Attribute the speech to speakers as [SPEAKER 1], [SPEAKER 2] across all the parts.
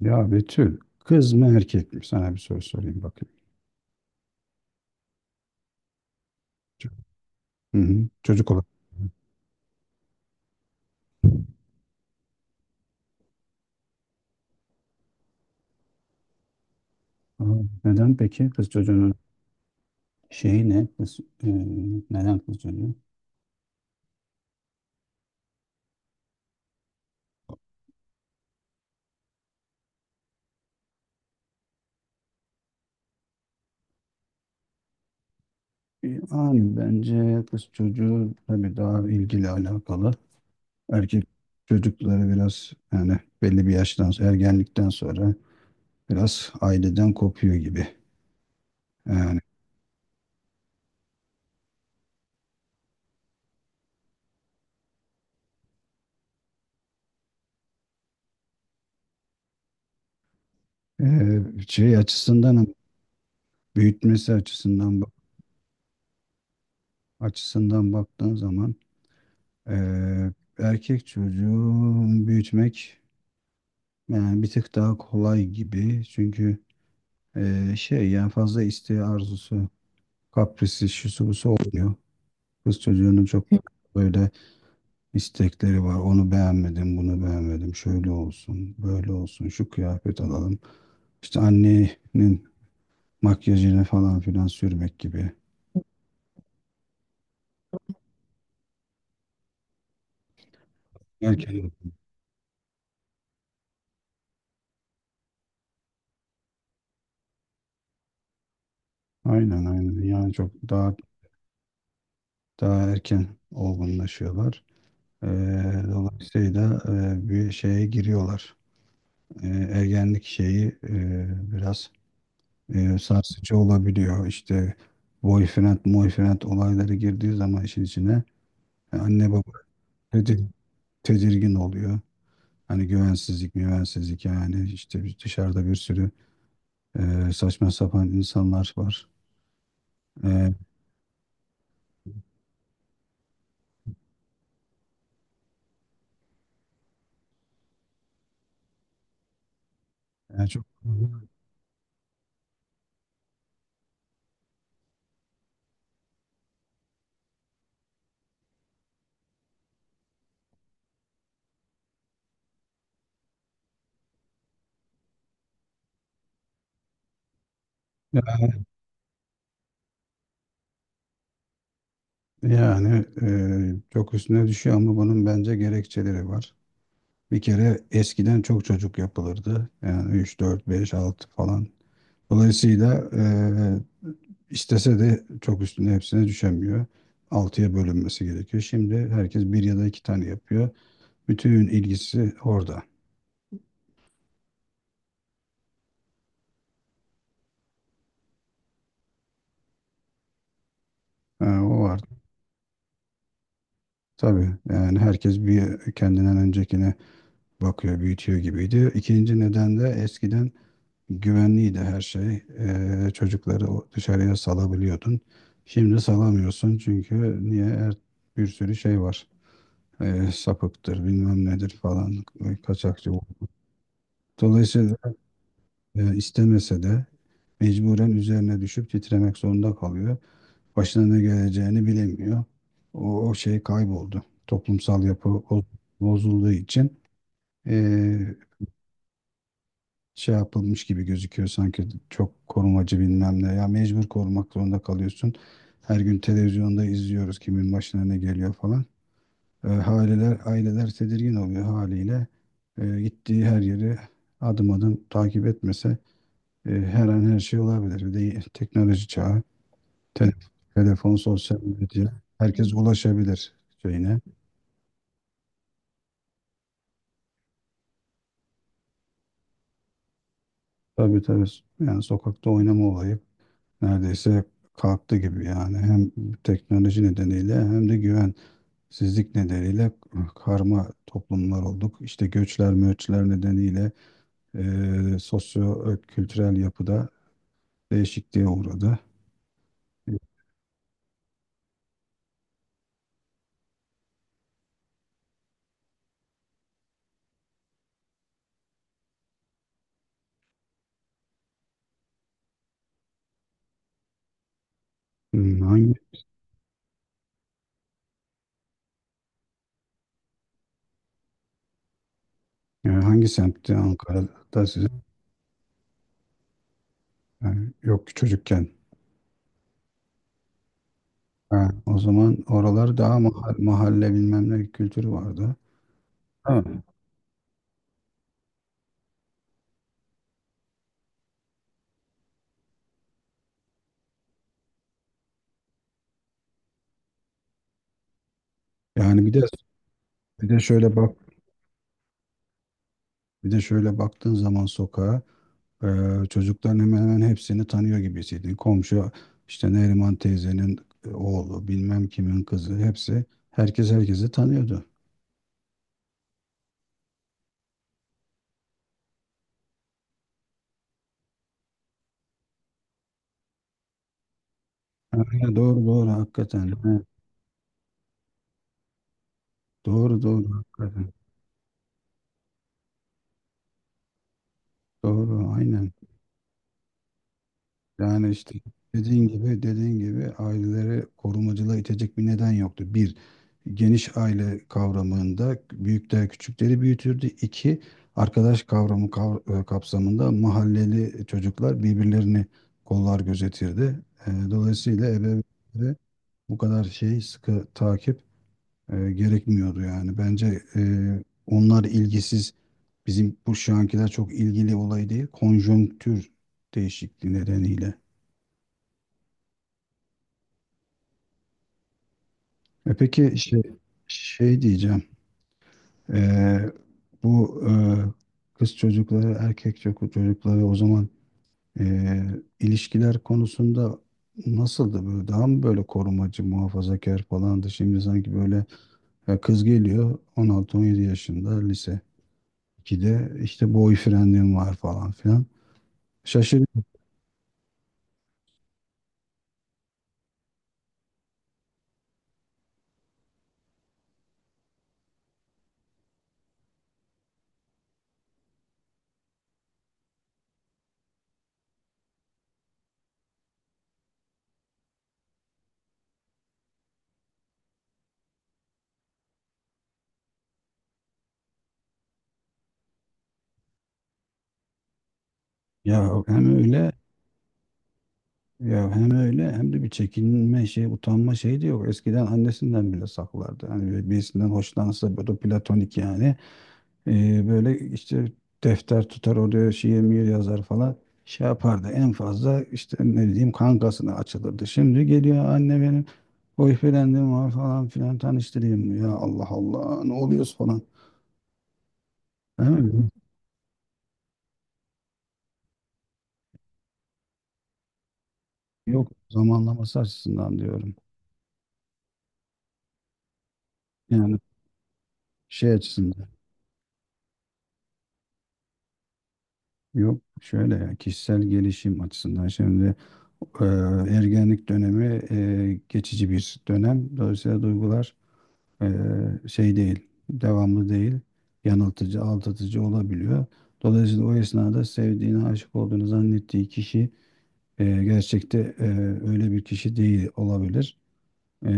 [SPEAKER 1] Ya Betül, kız mı erkek mi? Sana bir soru sorayım bakayım. Hı hı. Çocuk olarak. Aa, neden peki? Kız çocuğunun şeyi ne? Neden kız çocuğu? Abi bence kız çocuğu tabii daha ilgili alakalı. Erkek çocukları biraz yani belli bir yaştan sonra, ergenlikten sonra biraz aileden kopuyor gibi. Yani şey açısından büyütmesi açısından baktığın zaman. Ee, erkek çocuğu büyütmek yani bir tık daha kolay gibi. Çünkü şey yani fazla isteği arzusu, kaprisi, şusu busu olmuyor. Kız çocuğunun çok böyle istekleri var. Onu beğenmedim, bunu beğenmedim. Şöyle olsun, böyle olsun, şu kıyafet alalım. İşte annenin makyajını falan filan sürmek gibi. Erken. Aynen aynen. Yani çok daha erken olgunlaşıyorlar. E, dolayısıyla bir şeye giriyorlar. Ergenlik şeyi biraz sarsıcı olabiliyor. İşte boyfriend, boyfriend olayları girdiği zaman işin içine anne baba tedir- tedirgin oluyor. Hani güvensizlik, güvensizlik yani işte dışarıda bir sürü saçma sapan insanlar var. E, yani çok yani çok üstüne düşüyor ama bunun bence gerekçeleri var. Bir kere eskiden çok çocuk yapılırdı. Yani 3 4 5 6 falan. Dolayısıyla istese de çok üstüne hepsine düşemiyor. Altıya bölünmesi gerekiyor. Şimdi herkes bir ya da iki tane yapıyor. Bütün ilgisi orada. Ha, o var. Tabii yani herkes bir kendinden öncekine bakıyor, büyütüyor gibiydi. İkinci neden de eskiden güvenliydi her şey. Çocukları dışarıya salabiliyordun. Şimdi salamıyorsun çünkü niye? Bir sürü şey var. Sapıktır, bilmem nedir falan, kaçakçı. Dolayısıyla istemese de mecburen üzerine düşüp titremek zorunda kalıyor. Başına ne geleceğini bilemiyor. O şey kayboldu. Toplumsal yapı bozulduğu için e, şey yapılmış gibi gözüküyor sanki çok korumacı bilmem ne. Ya mecbur korumak zorunda kalıyorsun. Her gün televizyonda izliyoruz kimin başına ne geliyor falan. Aileler tedirgin oluyor haliyle. Gittiği her yeri adım adım takip etmese her an her şey olabilir. Bir de teknoloji çağı, te- telefon, sosyal medya herkes ulaşabilir şeyine. Tabii tabii yani sokakta oynama olayı neredeyse kalktı gibi yani hem teknoloji nedeniyle hem de güven sizlik nedeniyle karma toplumlar olduk. İşte göçler, möçler nedeniyle sosyo-kültürel yapıda değişikliğe uğradı. Hmm. Hangi semtti Ankara'da sizin? Yani yok ki çocukken. Ha, o zaman oralar daha mahalle, mahalle bilmem ne kültürü vardı. Ha. Yani bir de bir de şöyle bak Bir de şöyle baktığın zaman sokağa çocukların hemen hemen hepsini tanıyor gibisiydin. Komşu işte Neriman teyzenin oğlu, bilmem kimin kızı hepsi herkes herkesi tanıyordu. Aynen, doğru doğru hakikaten. He, doğru doğru hakikaten. Doğru aynen. Yani işte dediğin gibi aileleri korumacılığa itecek bir neden yoktu. Bir, geniş aile kavramında büyükler küçükleri büyütürdü. İki, arkadaş kavramı kapsamında mahalleli çocuklar birbirlerini kollar gözetirdi. Dolayısıyla ebeveynlere bu kadar şey sıkı takip gerekmiyordu yani. Bence onlar ilgisiz bizim şu ankiler çok ilgili olayı değil, konjonktür değişikliği nedeniyle. Peki şey diyeceğim. Ee, bu kız çocukları, erkek çocukları o zaman e, ilişkiler konusunda nasıldı böyle? Daha mı böyle korumacı, muhafazakar falandı? Şimdi sanki böyle kız geliyor 16-17 yaşında lise 2'de işte boyfriendim var falan filan. Şaşırdım. Ya hem öyle Ya hem öyle hem de bir çekinme şey, utanma şeyi de yok. Eskiden annesinden bile saklardı. Hani böyle birisinden hoşlansa böyle platonik yani. Böyle işte defter tutar oraya şiir miyir yazar falan. Şey yapardı en fazla işte ne diyeyim kankasına açılırdı. Şimdi geliyor anne benim boyfriendim var falan filan tanıştırayım mı? Ya Allah Allah ne oluyoruz falan. Değil mi? Yok zamanlaması açısından diyorum. Yani şey açısından. Yok şöyle ya kişisel gelişim açısından şimdi e, ergenlik dönemi geçici bir dönem. Dolayısıyla duygular e, şey değil, devamlı değil, yanıltıcı, aldatıcı olabiliyor. Dolayısıyla o esnada sevdiğini, aşık olduğunu zannettiği kişi gerçekte öyle bir kişi değil olabilir. E,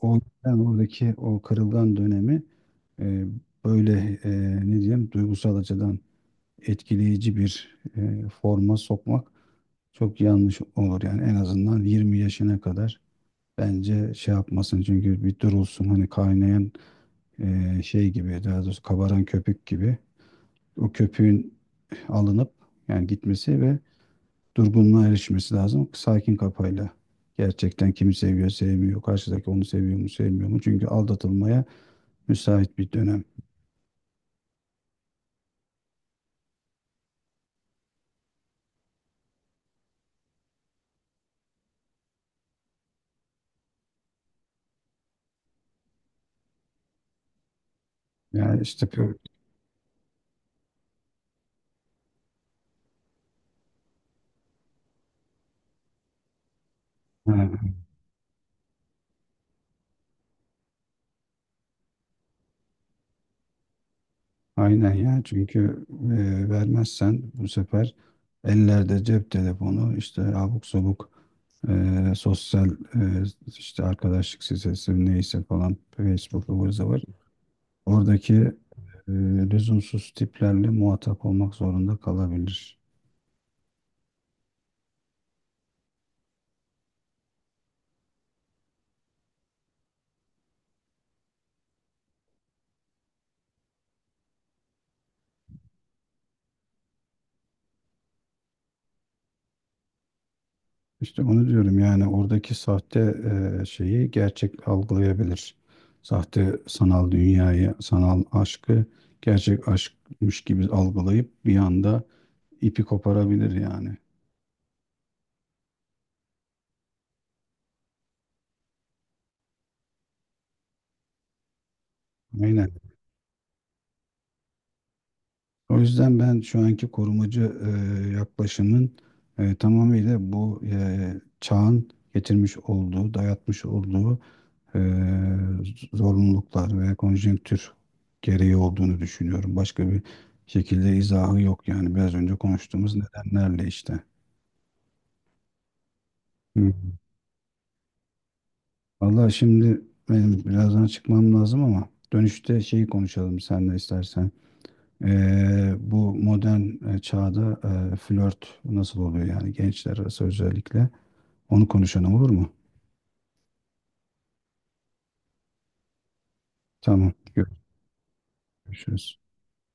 [SPEAKER 1] o yüzden oradaki o kırılgan dönemi e, böyle e, ne diyeyim duygusal açıdan etkileyici bir forma sokmak çok yanlış olur yani en azından 20 yaşına kadar bence şey yapmasın çünkü bir durulsun hani kaynayan şey gibi daha doğrusu kabaran köpük gibi o köpüğün alınıp yani gitmesi ve durgunluğa erişmesi lazım sakin kafayla. Gerçekten kimi seviyor sevmiyor karşıdaki onu seviyor mu sevmiyor mu çünkü aldatılmaya müsait bir dönem. Yani işte. Evet. Aynen ya çünkü vermezsen bu sefer ellerde cep telefonu işte abuk sabuk sosyal işte arkadaşlık sitesi neyse falan Facebook ıvır zıvır oradaki e, lüzumsuz tiplerle muhatap olmak zorunda kalabilir. İşte onu diyorum yani oradaki sahte şeyi gerçek algılayabilir. Sahte sanal dünyayı, sanal aşkı gerçek aşkmış gibi algılayıp bir anda ipi koparabilir yani. Aynen. O yüzden ben şu anki korumacı yaklaşımın tamamıyla bu çağın getirmiş olduğu, dayatmış olduğu e, zorunluluklar ve konjonktür gereği olduğunu düşünüyorum. Başka bir şekilde izahı yok yani biraz önce konuştuğumuz nedenlerle işte. Hı. Vallahi şimdi benim birazdan çıkmam lazım ama dönüşte şeyi konuşalım sen de istersen. Bu modern çağda flört nasıl oluyor yani gençler arası özellikle onu konuşalım olur mu? Tamam, görüşürüz.